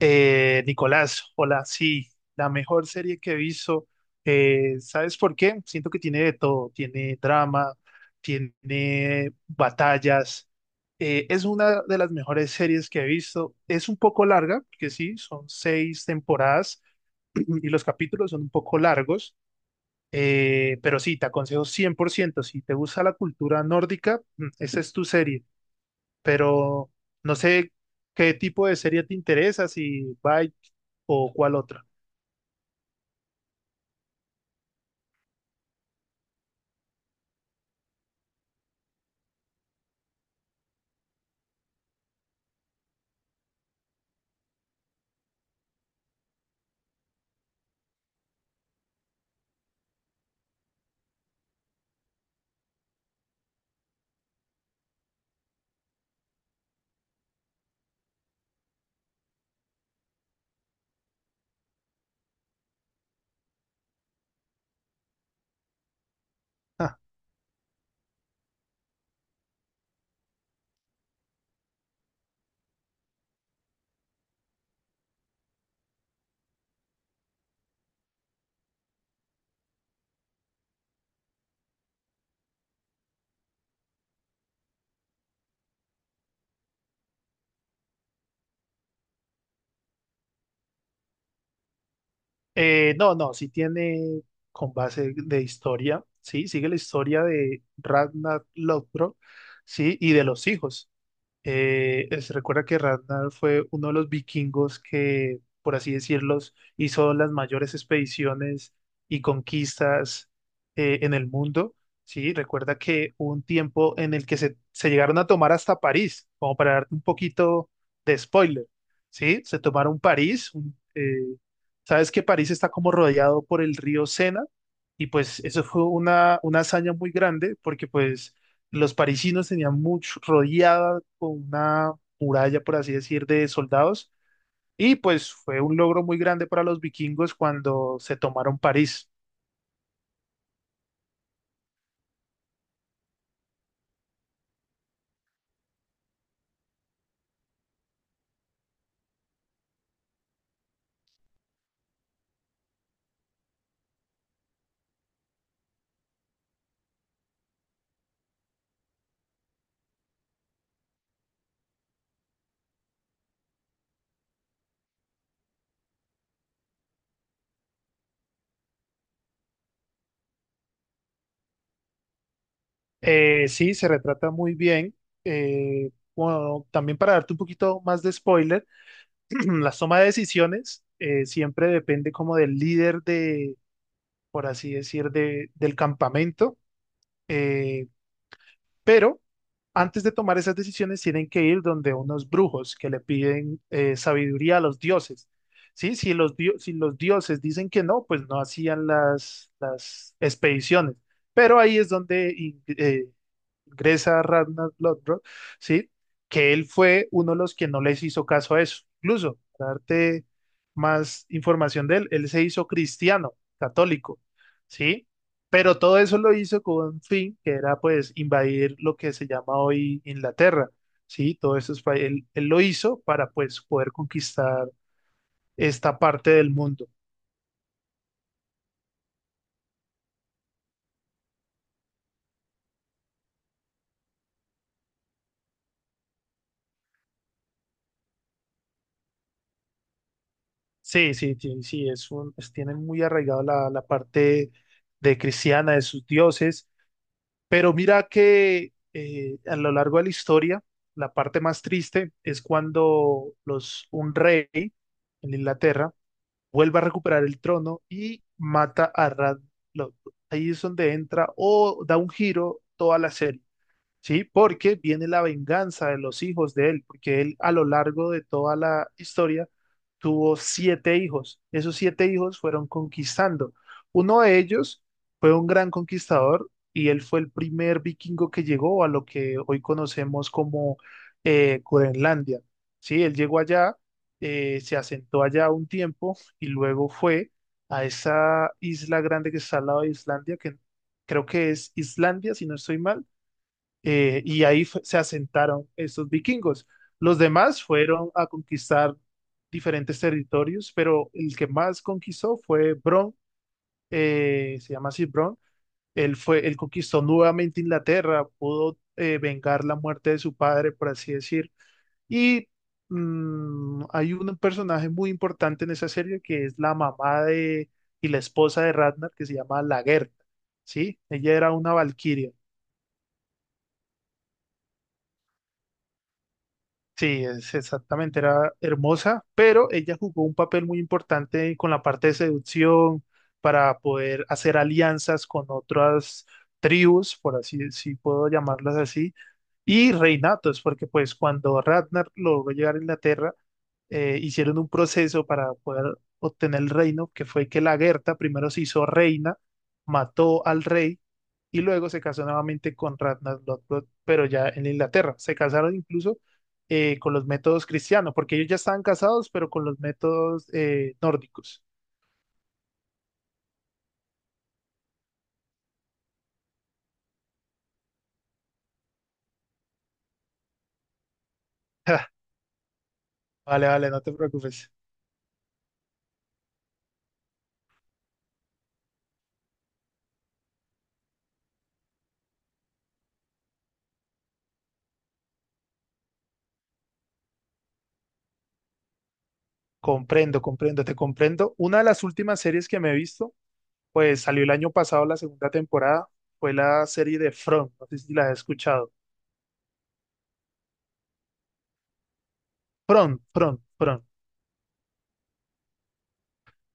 Nicolás, hola, sí, la mejor serie que he visto, ¿sabes por qué? Siento que tiene de todo, tiene drama, tiene batallas, es una de las mejores series que he visto, es un poco larga, porque sí, son seis temporadas y los capítulos son un poco largos, pero sí, te aconsejo 100%. Si te gusta la cultura nórdica, esa es tu serie, pero no sé qué tipo de serie te interesa, si Bite o cuál otra. Ah, no, no, si tiene con base de historia, sí, sigue la historia de Ragnar Lothbrok, sí, y de los hijos. Se recuerda que Ragnar fue uno de los vikingos que, por así decirlos, hizo las mayores expediciones y conquistas en el mundo. Sí, recuerda que hubo un tiempo en el que se llegaron a tomar hasta París, como para darte un poquito de spoiler. Sí, se tomaron París. Sabes que París está como rodeado por el río Sena y pues eso fue una hazaña muy grande porque pues los parisinos tenían mucho rodeada con una muralla, por así decir, de soldados. Y pues fue un logro muy grande para los vikingos cuando se tomaron París. Sí, se retrata muy bien. Eh, bueno, también para darte un poquito más de spoiler, la toma de decisiones siempre depende como del líder de, por así decir, del campamento. Eh, Pero antes de tomar esas decisiones tienen que ir donde unos brujos que le piden sabiduría a los dioses. ¿Sí? Si los dioses dicen que no, pues no hacían las expediciones. Pero ahí es donde Gresa Ragnar Lodbrok, ¿sí? Que él fue uno de los que no les hizo caso a eso. Incluso, para darte más información de él, él se hizo cristiano, católico, ¿sí? Pero todo eso lo hizo con un fin que era pues invadir lo que se llama hoy Inglaterra, ¿sí? Todo eso él lo hizo para pues poder conquistar esta parte del mundo. Sí, sí, sí, sí, tienen muy arraigado la parte de cristiana de sus dioses. Pero mira que a lo largo de la historia, la parte más triste es cuando un rey en Inglaterra vuelve a recuperar el trono y mata a Radloff. Ahí es donde entra o da un giro toda la serie. ¿Sí? Porque viene la venganza de los hijos de él, porque él a lo largo de toda la historia tuvo siete hijos. Esos siete hijos fueron conquistando. Uno de ellos fue un gran conquistador y él fue el primer vikingo que llegó a lo que hoy conocemos como Groenlandia, ¿sí? Él llegó allá, se asentó allá un tiempo y luego fue a esa isla grande que está al lado de Islandia, que creo que es Islandia, si no estoy mal, y ahí se asentaron estos vikingos. Los demás fueron a conquistar diferentes territorios, pero el que más conquistó fue Bron, se llama así Bron. Él conquistó nuevamente Inglaterra, pudo vengar la muerte de su padre, por así decir. Y hay un personaje muy importante en esa serie que es la mamá de y la esposa de Ragnar, que se llama Lagertha, ¿sí? Ella era una valquiria. Sí, es exactamente, era hermosa, pero ella jugó un papel muy importante con la parte de seducción para poder hacer alianzas con otras tribus, por así, si puedo llamarlas así, y reinatos, porque pues cuando Ragnar logró llegar a Inglaterra, hicieron un proceso para poder obtener el reino, que fue que la Gerta primero se hizo reina, mató al rey y luego se casó nuevamente con Ragnar Lothbrok, pero ya en Inglaterra. Se casaron incluso con los métodos cristianos, porque ellos ya estaban casados, pero con los métodos nórdicos. Ja, vale, vale, no te preocupes. Comprendo, comprendo, te comprendo. Una de las últimas series que me he visto, pues salió el año pasado la segunda temporada, fue la serie de Front, no sé si la has escuchado. Front, Front, Front.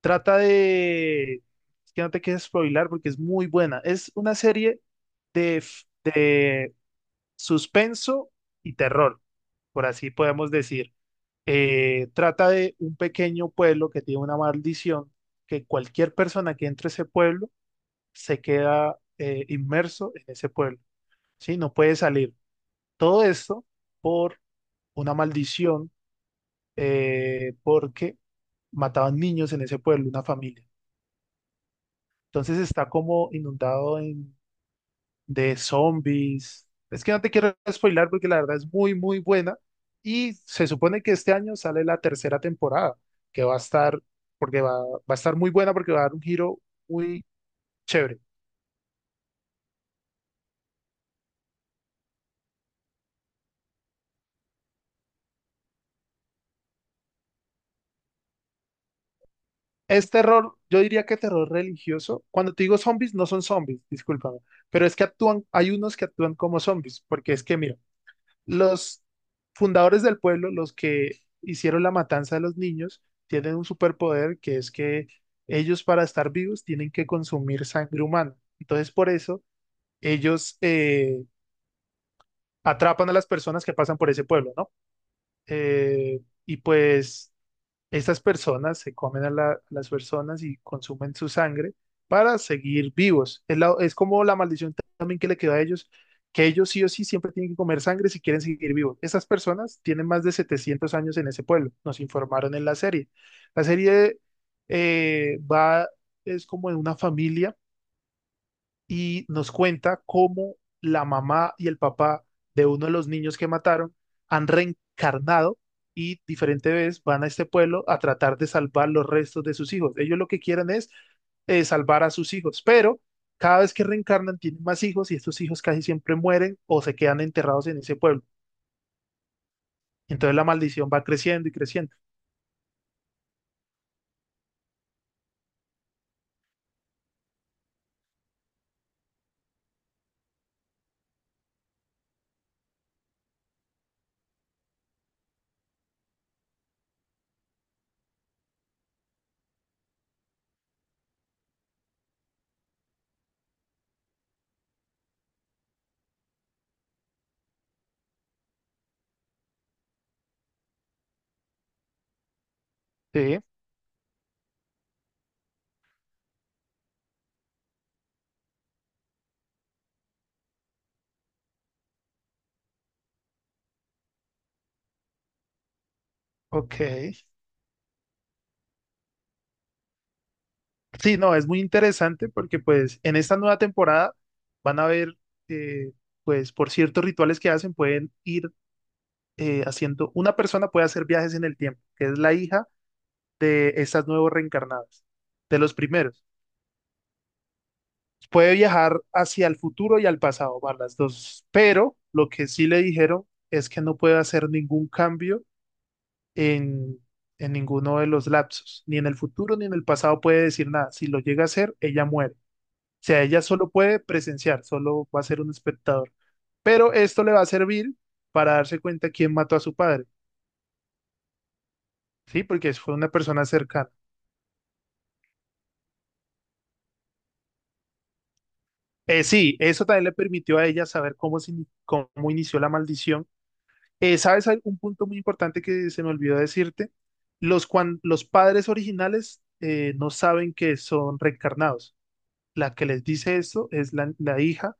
Trata de... Es que no te quieres spoilar porque es muy buena. Es una serie de suspenso y terror, por así podemos decir. Trata de un pequeño pueblo que tiene una maldición, que cualquier persona que entre a ese pueblo se queda inmerso en ese pueblo, ¿sí? No puede salir. Todo esto por una maldición porque mataban niños en ese pueblo, una familia. Entonces está como inundado de zombies. Es que no te quiero spoilar porque la verdad es muy, muy buena. Y se supone que este año sale la tercera temporada, que va a estar, porque va a estar muy buena porque va a dar un giro muy chévere. Es terror, yo diría que terror religioso. Cuando te digo zombies, no son zombies, discúlpame. Pero es que actúan, hay unos que actúan como zombies, porque es que, mira, los fundadores del pueblo, los que hicieron la matanza de los niños, tienen un superpoder que es que ellos para estar vivos tienen que consumir sangre humana. Entonces por eso ellos atrapan a las personas que pasan por ese pueblo, ¿no? Y pues estas personas se comen a las personas y consumen su sangre para seguir vivos. Es como la maldición también que le quedó a ellos, que ellos sí o sí siempre tienen que comer sangre si quieren seguir vivos. Estas personas tienen más de 700 años en ese pueblo, nos informaron en la serie. La serie va, es como en una familia y nos cuenta cómo la mamá y el papá de uno de los niños que mataron han reencarnado y diferente vez van a este pueblo a tratar de salvar los restos de sus hijos. Ellos lo que quieren es salvar a sus hijos, pero cada vez que reencarnan tienen más hijos y estos hijos casi siempre mueren o se quedan enterrados en ese pueblo. Entonces la maldición va creciendo y creciendo. Sí, ok. Sí, no, es muy interesante porque pues en esta nueva temporada van a ver, eh, pues por ciertos rituales que hacen, pueden ir haciendo, una persona puede hacer viajes en el tiempo, que es la hija de estas nuevos reencarnadas, de los primeros. Puede viajar hacia el futuro y al pasado, van las dos, pero lo que sí le dijeron es que no puede hacer ningún cambio en, en ninguno de los lapsos, ni en el futuro ni en el pasado puede decir nada. Si lo llega a hacer, ella muere. O sea, ella solo puede presenciar, solo va a ser un espectador. Pero esto le va a servir para darse cuenta quién mató a su padre, ¿sí? Porque fue una persona cercana. Sí, eso también le permitió a ella saber cómo inició la maldición. ¿Sabes un punto muy importante que se me olvidó decirte? Los padres originales no saben que son reencarnados. La que les dice esto es la hija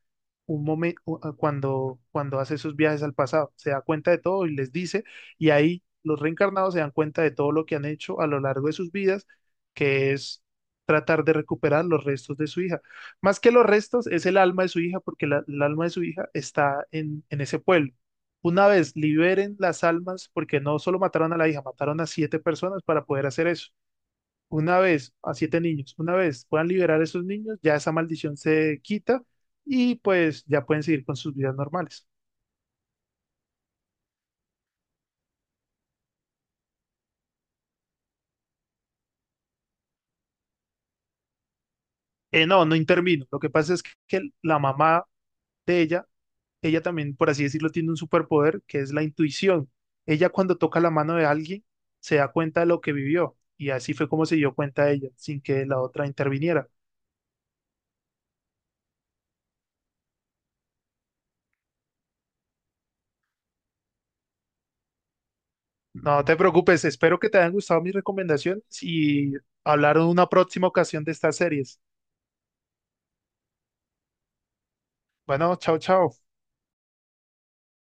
un momento cuando hace esos viajes al pasado. Se da cuenta de todo y les dice, y ahí los reencarnados se dan cuenta de todo lo que han hecho a lo largo de sus vidas, que es tratar de recuperar los restos de su hija. Más que los restos, es el alma de su hija, porque el alma de su hija está en ese pueblo. Una vez liberen las almas, porque no solo mataron a la hija, mataron a siete personas para poder hacer eso una vez a siete niños, una vez puedan liberar a esos niños, ya esa maldición se quita y pues ya pueden seguir con sus vidas normales. No, no intervino. Lo que pasa es que la mamá de ella, ella también, por así decirlo, tiene un superpoder que es la intuición. Ella cuando toca la mano de alguien se da cuenta de lo que vivió y así fue como se dio cuenta ella, sin que la otra interviniera. No te preocupes, espero que te hayan gustado mis recomendaciones y hablar en una próxima ocasión de estas series. Bueno, chao, chao.